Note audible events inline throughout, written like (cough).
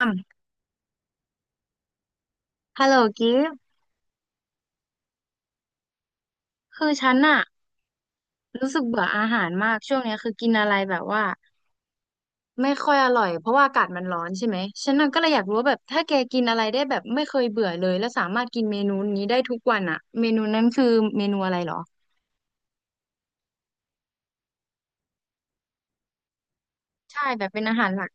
อ่ำฮัลโหลกิฟต์คือฉันอะรู้สึกเบื่ออาหารมากช่วงเนี้ยคือกินอะไรแบบว่าไม่ค่อยอร่อยเพราะว่าอากาศมันร้อนใช่ไหมฉันน่ะก็เลยอยากรู้ว่าแบบถ้าแกกินอะไรได้แบบไม่เคยเบื่อเลยแล้วสามารถกินเมนูนี้ได้ทุกวันอะเมนูนั้นคือเมนูอะไรเหรอใช่แบบเป็นอาหารหลัก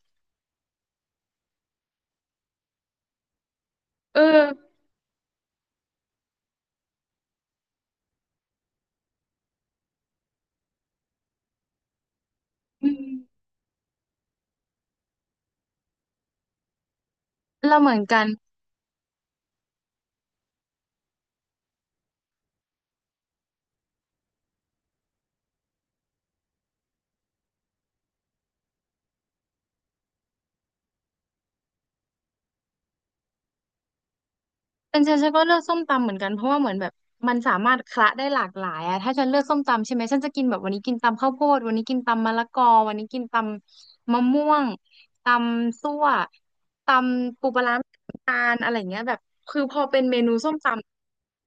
เอออืมเราเหมือนกัน เป็นฉันก็เลือกส้มตำเหมือนกันเพราะว่าเหมือนแบบมันสามารถคละได้หลากหลายอะถ้าฉันเลือกส้มตำใช่ไหมฉันจะกินแบบวันนี้กินตำข้าวโพดวันนี้กินตำมะละกอวันนี้กินตำมะม่วงตำซั่วตำปูปลาร้าน้ำตาลอะไรเงี้ยแบบคือพอเป็นเมนูส้มต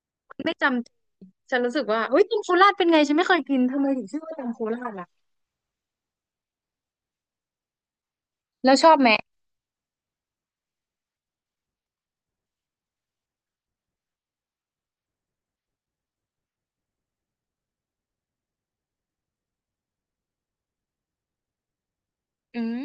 ำมันไม่จำฉันรู้สึกว่าเฮ้ยตำโคราชเป็นไงฉันไม่เคยกินทำไมถึงชื่อว่าตำโคราชล่ะแล้วชอบไหมอืม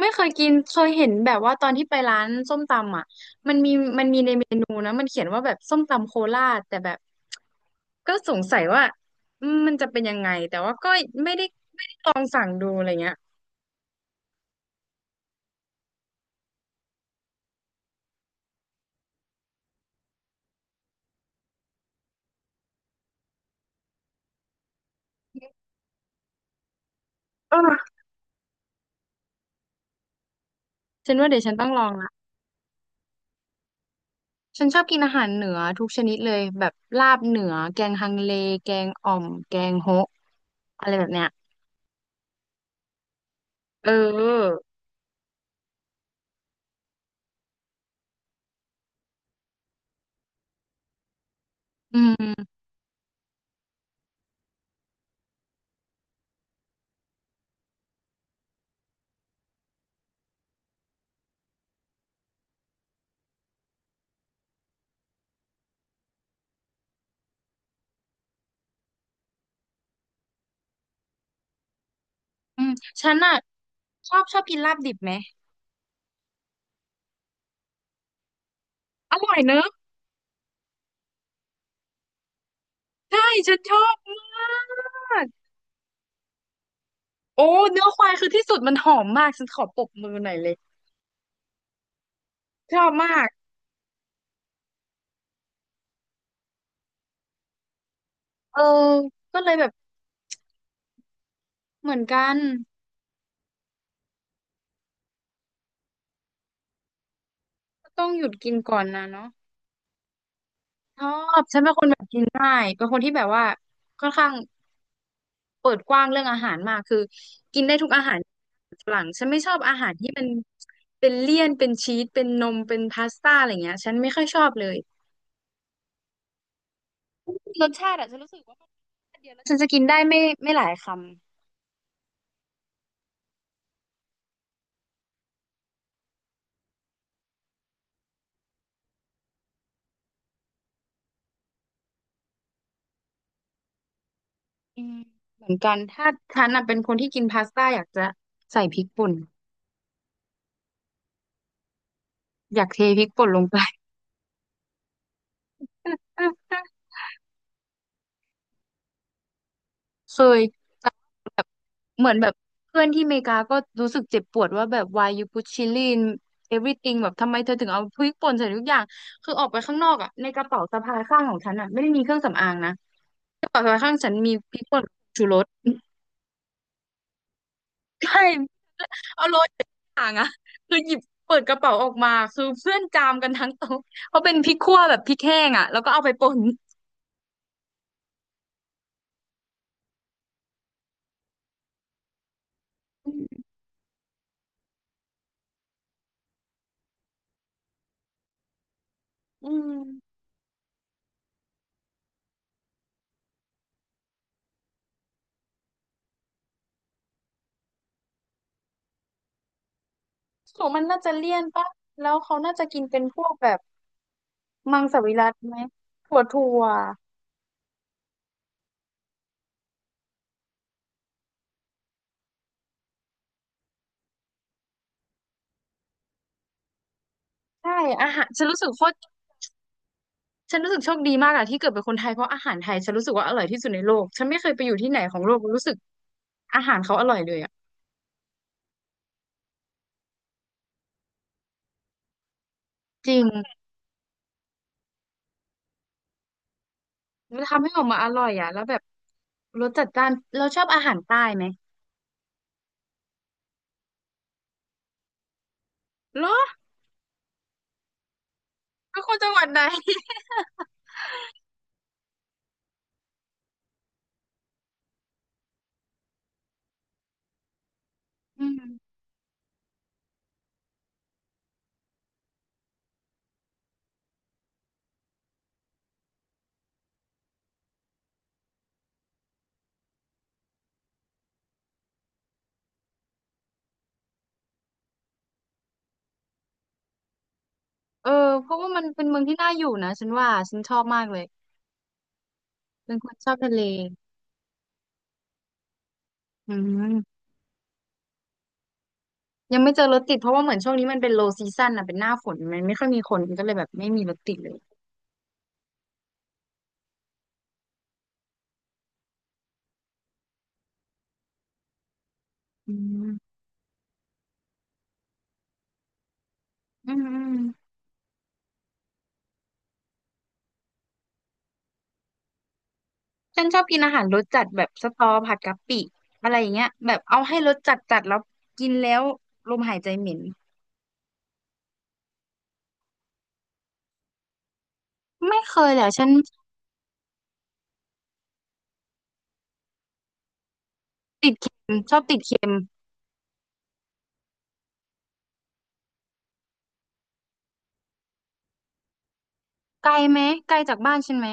ไม่เคยกินเคยเห็นแบบว่าตอนที่ไปร้านส้มตำอ่ะมันมีมันมีในเมนูนะมันเขียนว่าแบบส้มตำโคราชแต่แบบก็สงสัยว่าอืมมันจะเป็นยังไงแต่ว่าก็ไม่ได้ไม่ได้ลองสั่งดูอะไรเงี้ยเออฉันว่าเดี๋ยวฉันต้องลองละฉันชอบกินอาหารเหนือทุกชนิดเลยแบบลาบเหนือแกงฮังเลแกงอ่อมแกงโฮะอะไรแบบเนี้ยเอออืมอืมฉันอ่ะชอบกินลาบดิบไหมอร่อยเนอะใช่ฉันชอบมาก โอ้เนื้อควายคือที่สุดมันหอมมากฉันขอปรบมือหน่อยเลยชอบมากเออก็เลยแบบเหมือนกันก็ต้องหยุดกินก่อนนะเนาะชอบฉันเป็นคนแบบกินง่ายเป็นคนที่แบบว่าค่อนข้างเปิดกว้างเรื่องอาหารมากคือกินได้ทุกอาหารฝรั่งฉันไม่ชอบอาหารที่มันเป็นเลี่ยนเป็นชีสเป็นนมเป็นพาสต้าอะไรเงี้ยฉันไม่ค่อยชอบเลยรสชาติอะฉันรู้สึกว่ามันรสชาติเดียวแล้วฉันจะกินได้ไม่ไม่หลายคำ อืมเหมือนกันถ้าฉันน่ะเป็นคนที่กินพาสต้าอยากจะใส่พริกป่นอยากเทพริกป่นลงไป (laughs) เคยแต่แบบเหมือนแบบเพื่อนที่อเมริกาก็รู้สึกเจ็บปวดว่าแบบ why you put chili in everything แบบทำไมเธอถึงเอาพริกป่นใส่ทุกอย่างคือออกไปข้างนอกอ่ะในกระเป๋าสะพายข้างของฉันอ่ะไม่ได้มีเครื่องสำอางนะกระเป๋าสะพายข้างฉันมีพริกป่นชูรส (laughs) ใช่ เอาโรยต่ข้างหลังอะคือหยิบเปิดกระเป๋าออกมาคือเพื่อนจามกันทั้งโต๊ะเพราะเป็นพริกขั่วแบบพริกแห้งอะแล้วก็เอาไปป่นอืมอมของมันน่าจะเลี่ยนปะแล้วเขาน่าจะกินเป็นพวกแบบมังสวิรัติไหมถั่วถั่วใช่อาหารฉันรู้สึกโคตรฉันรู้สึกโชคดีมากอะที่เกิดเป็นคนไทยเพราะอาหารไทยฉันรู้สึกว่าอร่อยที่สุดในโลกฉันไม่เคยไปอยู่ที่ไหนของโลกรู้สึกอาหารเขาอร่อยเลยอะจริงมันทำให้ออกมาอร่อยอะแล้วแบบรสจัดจ้านเราชอบอาหารใต้ไหมเหรอ เป็นคนจังหวัดไหน (laughs) อืมเออเพราะว่ามันเป็นเมืองที่น่าอยู่นะฉันว่าฉันชอบมากเลยเป็นคนชอบทะเลอืมยังไม่เจอรถติดเพราะว่าเหมือนช่วงนี้มันเป็น low season อ่ะเป็นหน้าฝนมันไม่ค่อยมีคนก็เลยแบบไม่มีรถติดเลยอืมอืมอืมฉันชอบกินอาหารรสจัดแบบสตอผัดกะปิอะไรอย่างเงี้ยแบบเอาให้รสจัดจัดแล้วกินแล้วลมหายใจเหม็นไม่เคยแหละฉันติดเค็มชอบติดเค็มไกลไหมไกลจากบ้านฉันไหม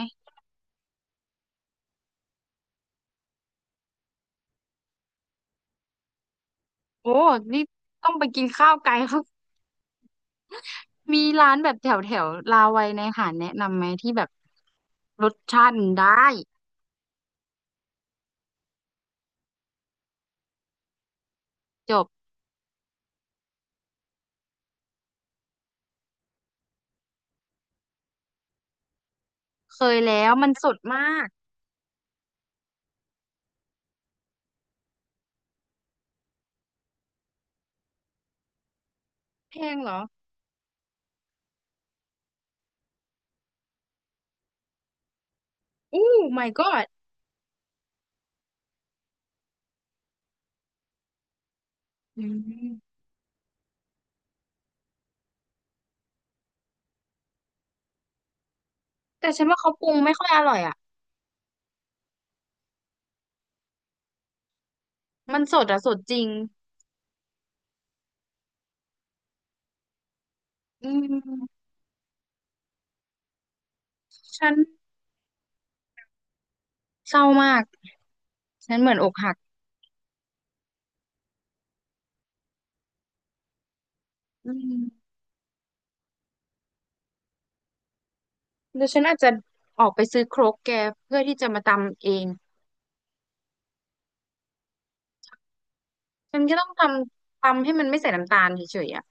โอ้นี่ต้องไปกินข้าวไกล (laughs) เขา มีร้านแบบแถวแถวลาวัยในหาดแนะนำไหมที่แบบรสชาติมันได้จบเคยแล้วมันสดมากแพงเหรออู้ my god อืมแต่ฉันว่าเขาปรุงไม่ค่อยอร่อยอ่ะมันสดอ่ะสดจริงอืมฉันเศร้ามากฉันเหมือนอกหักอืมเดี๋ยวฉันอาจจะออกไปซื้อโครกแกเพื่อที่จะมาตำเองฉันก็ต้องทำตำให้มันไม่ใส่น้ำตาลเฉยๆอ่ะ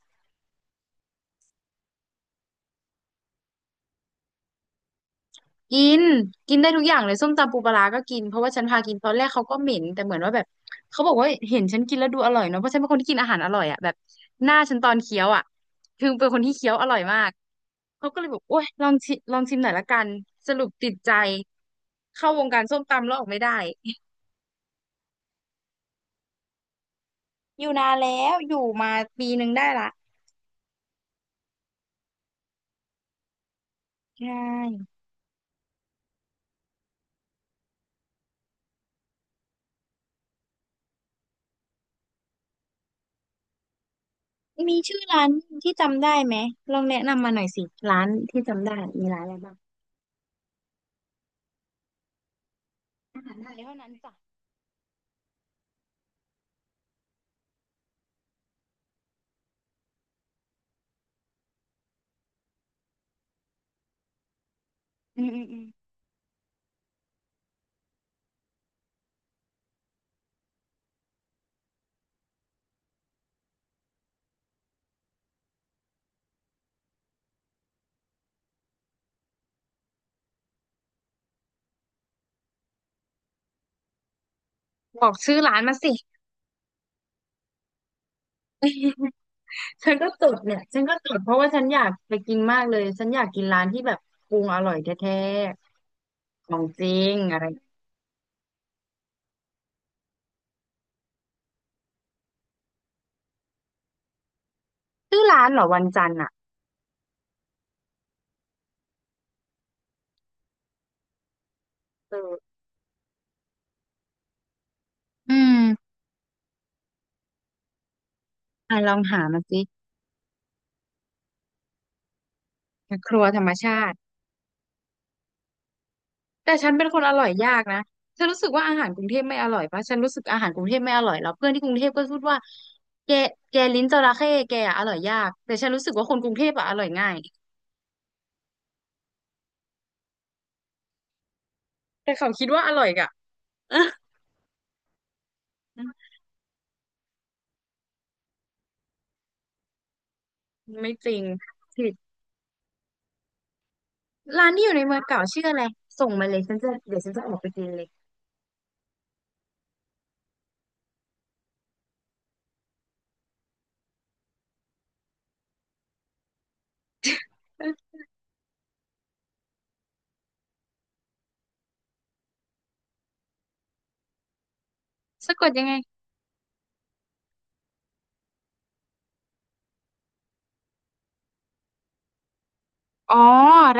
กินกินได้ทุกอย่างเลยส้มตำปูปลาร้าก็กินเพราะว่าฉันพากินตอนแรกเขาก็เหม็นแต่เหมือนว่าแบบเขาบอกว่าเห็นฉันกินแล้วดูอร่อยเนาะเพราะฉันเป็นคนที่กินอาหารอร่อยอ่ะแบบหน้าฉันตอนเคี้ยวอ่ะคือเป็นคนที่เคี้ยวอร่อยมากเขาก็เลยบอกโอ้ยลองชิลองชิมหน่อยละกันสรุปติดใจเข้าวงการส้มตำแล้วออกไม่ได้ (laughs) อยู่นานแล้วอยู่มาปีหนึ่งได้ละใช่มีชื่อร้านที่จำได้ไหมลองแนะนำมาหน่อยสิร้านที่จำได้มีร้านอะไรบ้างอาหารไทยเท่านั้นจ้ะอืมอืมอืม บอกชื่อร้านมาสิ (laughs) ฉันก็จดเพราะว่าฉันอยากไปกินมากเลย ฉันอยากกินร้านที่แบบปรุงอร่อยแท้ๆของจริงอะไรชื่อร้านเหรอวันจันทร์อ่ะเอออืมอ่ะลองหามาสิครัวธรรมชาติ แต่ฉันเป็นคนอร่อยยากนะฉันรู้สึกว่าอาหารกรุงเทพไม่อร่อยปะฉันรู้สึกอาหารกรุงเทพไม่อร่อยแล้วเพื่อนที่กรุงเทพก็พูดว่าแกแกลิ้นจระเข้แกอะอร่อยยากแต่ฉันรู้สึกว่าคนกรุงเทพอะอร่อยง่ายแต่เขาคิดว่าอร่อยอะ (laughs) ไม่จริง ร้านที่อยู่ในเมืองเก่าชื่ออะไรส่งมาเลยฉันจะออกไปกินเลยสะกดยังไงอ๋อ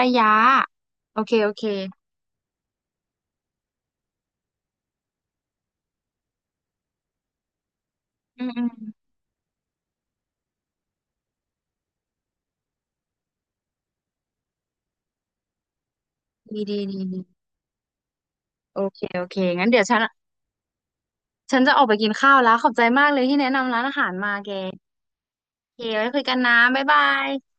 ระยะโอเคโอเคอืมอืมดีดีดีดีโอเคโอเคงั้นเดี๋ยวฉันฉันจะออกไปกินข้าวแล้วขอบใจมากเลยที่แนะนำร้านอาหารมาแกโอเคไว้คุยกันนะบ๊ายบาย